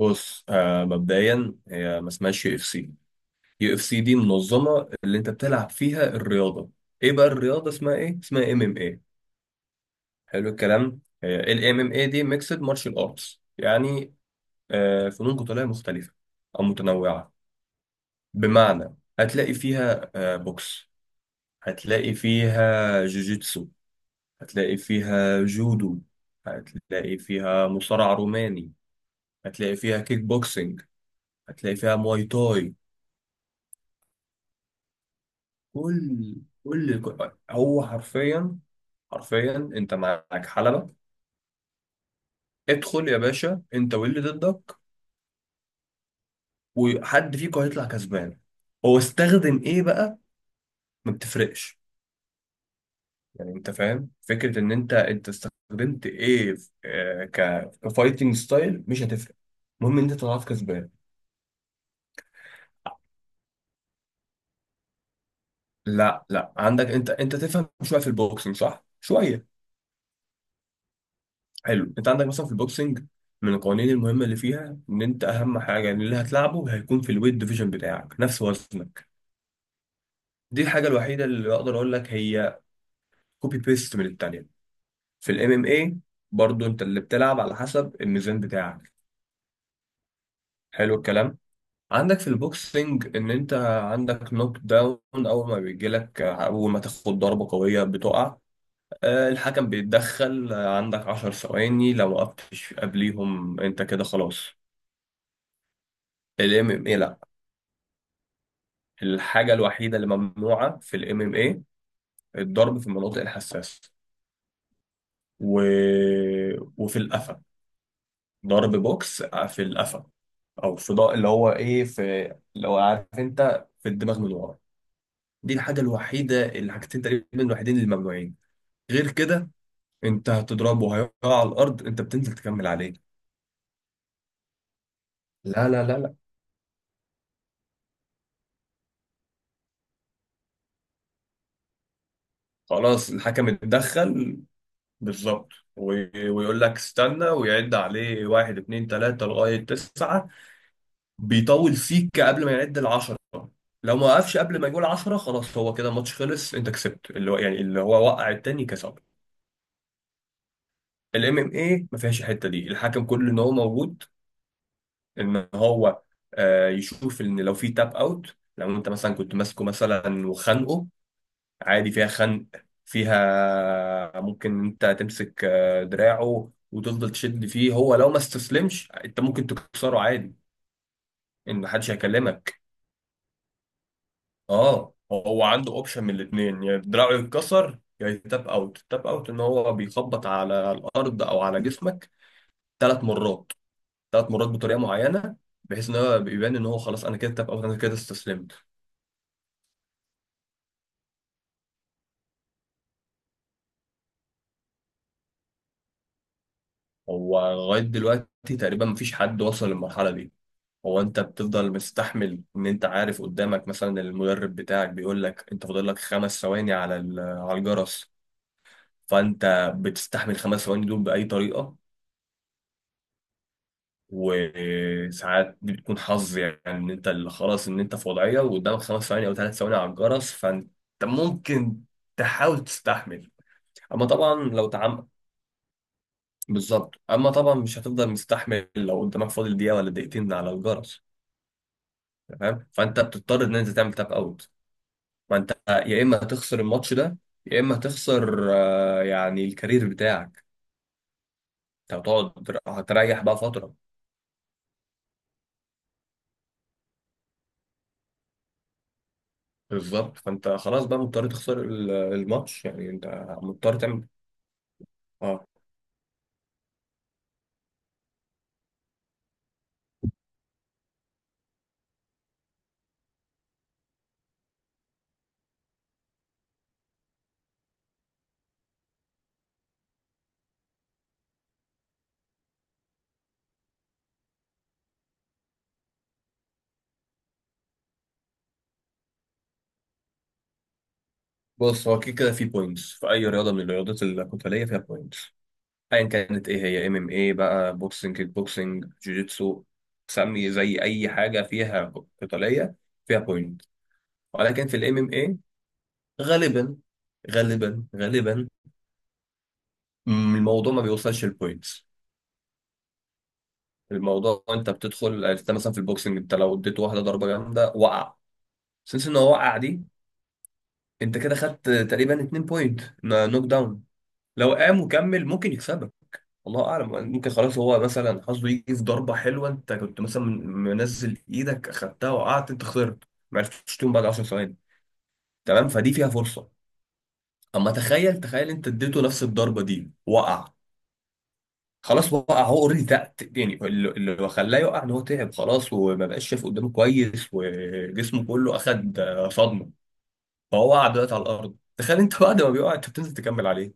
بص، مبدئيا هي ما اسمهاش يو اف سي. يو اف سي دي منظمه اللي انت بتلعب فيها الرياضه. ايه بقى الرياضه، اسمها ايه؟ اسمها ام ام اي. حلو الكلام، الام ام اي دي ميكسد مارشال ارتس، يعني فنون قتاليه مختلفه او متنوعه. بمعنى هتلاقي فيها بوكس، هتلاقي فيها جوجيتسو، هتلاقي فيها جودو، هتلاقي فيها مصارع روماني، هتلاقي فيها كيك بوكسينج، هتلاقي فيها مواي تاي. كل هو حرفيا، حرفيا انت معاك حلبة، ادخل يا باشا انت واللي ضدك، وحد فيكم هيطلع كسبان. هو استخدم ايه بقى؟ ما بتفرقش، يعني انت فاهم فكرة ان انت استخدمت ايه في- آه، ك كفايتنج ستايل، مش هتفرق. المهم ان انت طلعت كسبان. لا، لا، عندك انت تفهم شوية في البوكسنج، صح؟ شوية. حلو، انت عندك مثلا في البوكسنج من القوانين المهمه اللي فيها، ان انت اهم حاجه، ان اللي هتلعبه هيكون في الويت ديفيجن بتاعك نفس وزنك. دي الحاجه الوحيده اللي اقدر اقول لك هي كوبي بيست من التانيه. في الام ام اي برضو انت اللي بتلعب على حسب الميزان بتاعك. حلو الكلام. عندك في البوكسنج ان انت عندك نوك داون، اول ما بيجيلك، اول ما تاخد ضربه قويه بتقع، الحكم بيتدخل، عندك 10 ثواني، لو وقفتش قبليهم انت كده خلاص. الام ام اي لا. الحاجة الوحيدة اللي ممنوعة في الام ام اي، الضرب في المناطق الحساسة و... وفي القفا، ضرب بوكس في القفا، او اللي هو ايه، في، لو عارف، انت في الدماغ من ورا. دي الحاجة الوحيدة، الحاجتين تقريبا الوحيدين اللي ممنوعين. غير كده، انت هتضربه هيقع على الارض، انت بتنزل تكمل عليه. لا، لا، لا، لا. خلاص الحكم اتدخل بالظبط، ويقول لك استنى، ويعد عليه واحد، اتنين، تلاتة، لغاية تسعة، بيطول فيك قبل ما يعد العشرة. لو ما وقفش قبل ما يقول عشرة خلاص، هو كده الماتش خلص، انت كسبت، اللي هو يعني اللي هو وقع التاني كسب. الام ام اي ما فيهاش الحته دي، الحكم كل ان هو موجود ان هو يشوف ان لو في تاب اوت. لو انت مثلا كنت ماسكه مثلا وخانقه، عادي فيها خنق، فيها ممكن انت تمسك دراعه وتفضل تشد فيه، هو لو ما استسلمش انت ممكن تكسره عادي، ان محدش هيكلمك. اه، هو عنده اوبشن من الاثنين، يا دراعه يتكسر يا يتاب اوت. تاب اوت ان هو بيخبط على الارض او على جسمك 3 مرات، 3 مرات بطريقه معينه، بحيث ان هو بيبان ان هو خلاص، انا كده تاب اوت، انا كده استسلمت. هو لغايه دلوقتي تقريبا مفيش حد وصل للمرحله دي. هو انت بتفضل مستحمل، ان انت عارف قدامك مثلا المدرب بتاعك بيقول لك انت فاضل لك 5 ثواني على الجرس، فانت بتستحمل 5 ثواني دول باي طريقه. وساعات دي بتكون حظ، يعني ان انت اللي خلاص ان انت في وضعيه وقدامك 5 ثواني او 3 ثواني على الجرس، فانت ممكن تحاول تستحمل. اما طبعا لو تعم بالظبط، اما طبعا مش هتفضل مستحمل لو قدامك فاضل دقيقه ولا دقيقتين على الجرس، تمام. فانت بتضطر ان انت تعمل تاب اوت، فانت يا اما هتخسر الماتش ده، يا اما هتخسر يعني الكارير بتاعك، انت هتقعد هتريح بقى فتره. بالظبط، فانت خلاص بقى مضطر تخسر الماتش يعني، انت مضطر تعمل. اه، بص، هو كده كده في بوينتس، في اي رياضه من الرياضات القتاليه فيها بوينتس، ايا كانت ايه هي، ام ام اي بقى، بوكسنج، كيك بوكسنج، جوجيتسو، سمي زي اي حاجه فيها قتاليه، فيها بوينت. ولكن في الام ام اي غالبا، غالبا غالبا، الموضوع ما بيوصلش البوينتس. الموضوع انت بتدخل، انت مثلا في البوكسنج انت لو اديت واحده ضربه جامده وقع، سنس ان هو وقع دي، انت كده خدت تقريبا 2 بوينت نوك داون. لو قام وكمل ممكن يكسبك، الله اعلم، ممكن خلاص هو مثلا حظه يجي في ضربه حلوه، انت كنت مثلا منزل ايدك اخدتها وقعت، انت خسرت، ما عرفتش تقوم بعد 10 ثواني. تمام، فدي فيها فرصه. اما تخيل، تخيل انت اديته نفس الضربه دي وقع، خلاص وقع، هو اوريدي تقت، يعني اللي خلاه يقع ان هو تعب خلاص، وما بقاش شايف قدامه كويس، وجسمه كله اخد صدمه. فهو وقع دلوقتي على الارض، تخيل انت بعد ما بيقع انت بتنزل تكمل عليه،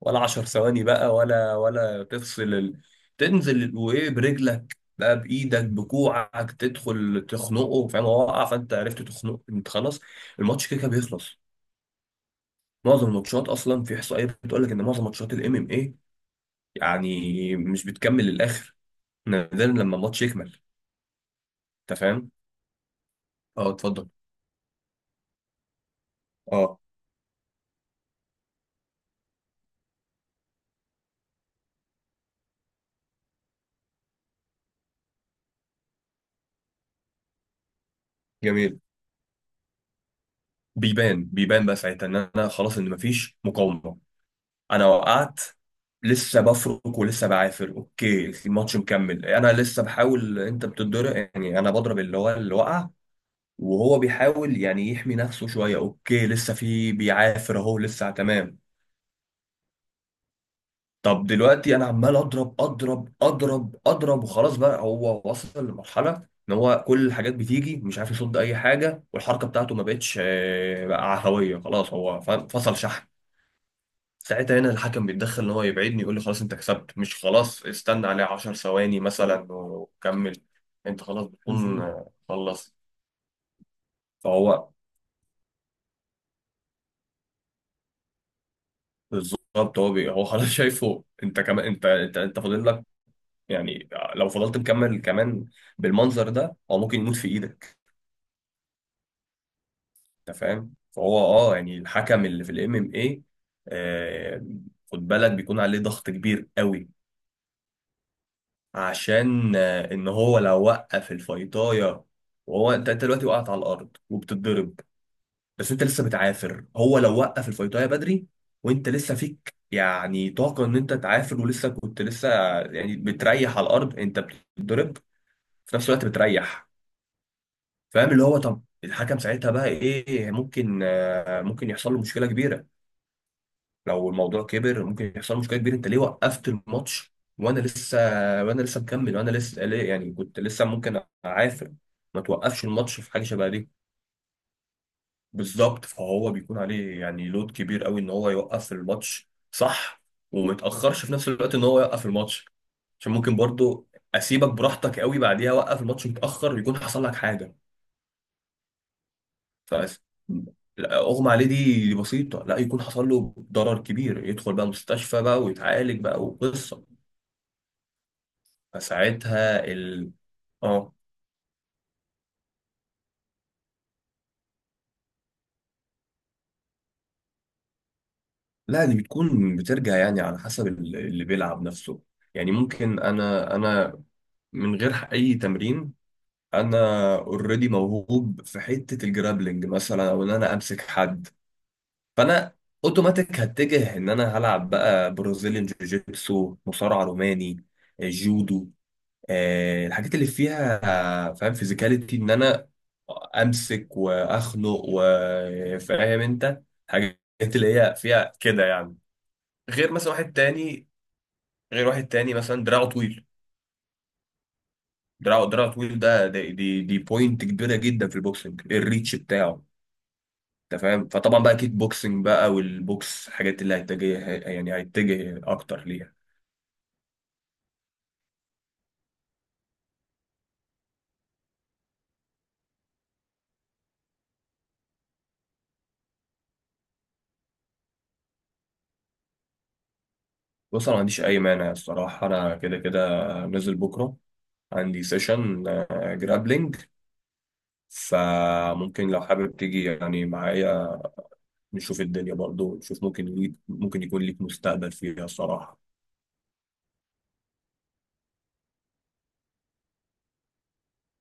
ولا 10 ثواني بقى ولا تفصل تنزل وايه برجلك بقى، بايدك، بكوعك، تدخل تخنقه، فاهم؟ هو وقع فانت عرفت تخنقه، انت خلاص الماتش كده كده بيخلص. معظم الماتشات اصلا في احصائيه بتقول لك ان معظم ماتشات الام ام اي يعني مش بتكمل للاخر، نادرا لما الماتش يكمل، انت فاهم. اه، اتفضل. اه، جميل. بيبان بقى ساعتها ان انا خلاص، ان مفيش مقاومه، انا وقعت، لسه بفرك ولسه بعافر، اوكي الماتش مكمل، انا لسه بحاول، انت بتتضرب يعني، انا بضرب اللي هو اللي وقع، وهو بيحاول يعني يحمي نفسه شويه، اوكي لسه في، بيعافر اهو، لسه تمام. طب دلوقتي انا عمال اضرب اضرب اضرب اضرب، وخلاص بقى هو وصل لمرحله ان هو كل الحاجات بتيجي مش عارف يصد اي حاجه، والحركه بتاعته ما بقتش بقى عفويه، خلاص هو فصل شحن. ساعتها هنا الحكم بيتدخل ان هو يبعدني، يقول لي خلاص انت كسبت، مش خلاص استنى عليه 10 ثواني مثلا وكمل، انت خلاص بتكون مهم. خلصت. فهو بالظبط، هو خلاص شايفه، انت كمان انت انت فاضل لك يعني، لو فضلت مكمل كمان بالمنظر ده هو ممكن يموت في ايدك، انت فاهم؟ فهو اه، يعني الحكم اللي في الام ام اي، خد بالك بيكون عليه ضغط كبير قوي، عشان ان هو لو وقف الفيطايه وهو، انت دلوقتي وقعت على الارض وبتتضرب، بس انت لسه بتعافر، هو لو وقف الفيطايه بدري وانت لسه فيك يعني طاقه ان انت تعافر، ولسه كنت لسه، يعني بتريح على الارض، انت بتتضرب في نفس الوقت بتريح. فاهم، اللي هو طب الحكم ساعتها بقى ايه؟ ممكن، ممكن يحصل له مشكله كبيره، لو الموضوع كبر ممكن يحصل مشكله كبيره. انت ليه وقفت الماتش وانا لسه، وانا لسه مكمل، وانا لسه ليه، يعني كنت لسه ممكن اعافر، ما توقفش الماتش في حاجه شبه دي. بالظبط، فهو بيكون عليه يعني لود كبير قوي ان هو يوقف الماتش صح، وما يتاخرش في نفس الوقت ان هو يوقف الماتش، عشان ممكن برضو اسيبك براحتك قوي بعديها، اوقف الماتش متاخر يكون حصل لك حاجه. ف لا، اغمى عليه دي، دي بسيطه، لا، يكون حصل له ضرر كبير يدخل بقى مستشفى بقى ويتعالج بقى وقصه. فساعتها اه، لا، دي بتكون بترجع يعني على حسب اللي بيلعب نفسه. يعني ممكن انا من غير اي تمرين، انا اوريدي موهوب في حتة الجرابلنج مثلا، او ان انا امسك حد، فانا اوتوماتيك هتجه ان انا هلعب بقى برازيليان جوجيتسو، مصارع روماني، جودو، الحاجات اللي فيها فاهم فيزيكاليتي، ان انا امسك واخنق، وفاهم انت الحاجات اللي هي فيها كده يعني. غير مثلا واحد تاني، غير واحد تاني مثلا دراعه طويل، دراعه طويل ده، دي بوينت كبيره جدا في البوكسنج، الريتش بتاعه. انت فاهم؟ فطبعا بقى كيك بوكسنج بقى والبوكس الحاجات اللي هيتجه، يعني هيتجه اكتر ليها. بص، انا ما عنديش اي مانع الصراحه، انا كده كده نازل بكره، عندي سيشن جرابلينج، فممكن لو حابب تيجي يعني معايا، نشوف الدنيا، برضو نشوف، ممكن ليك، ممكن يكون ليك مستقبل فيها الصراحة.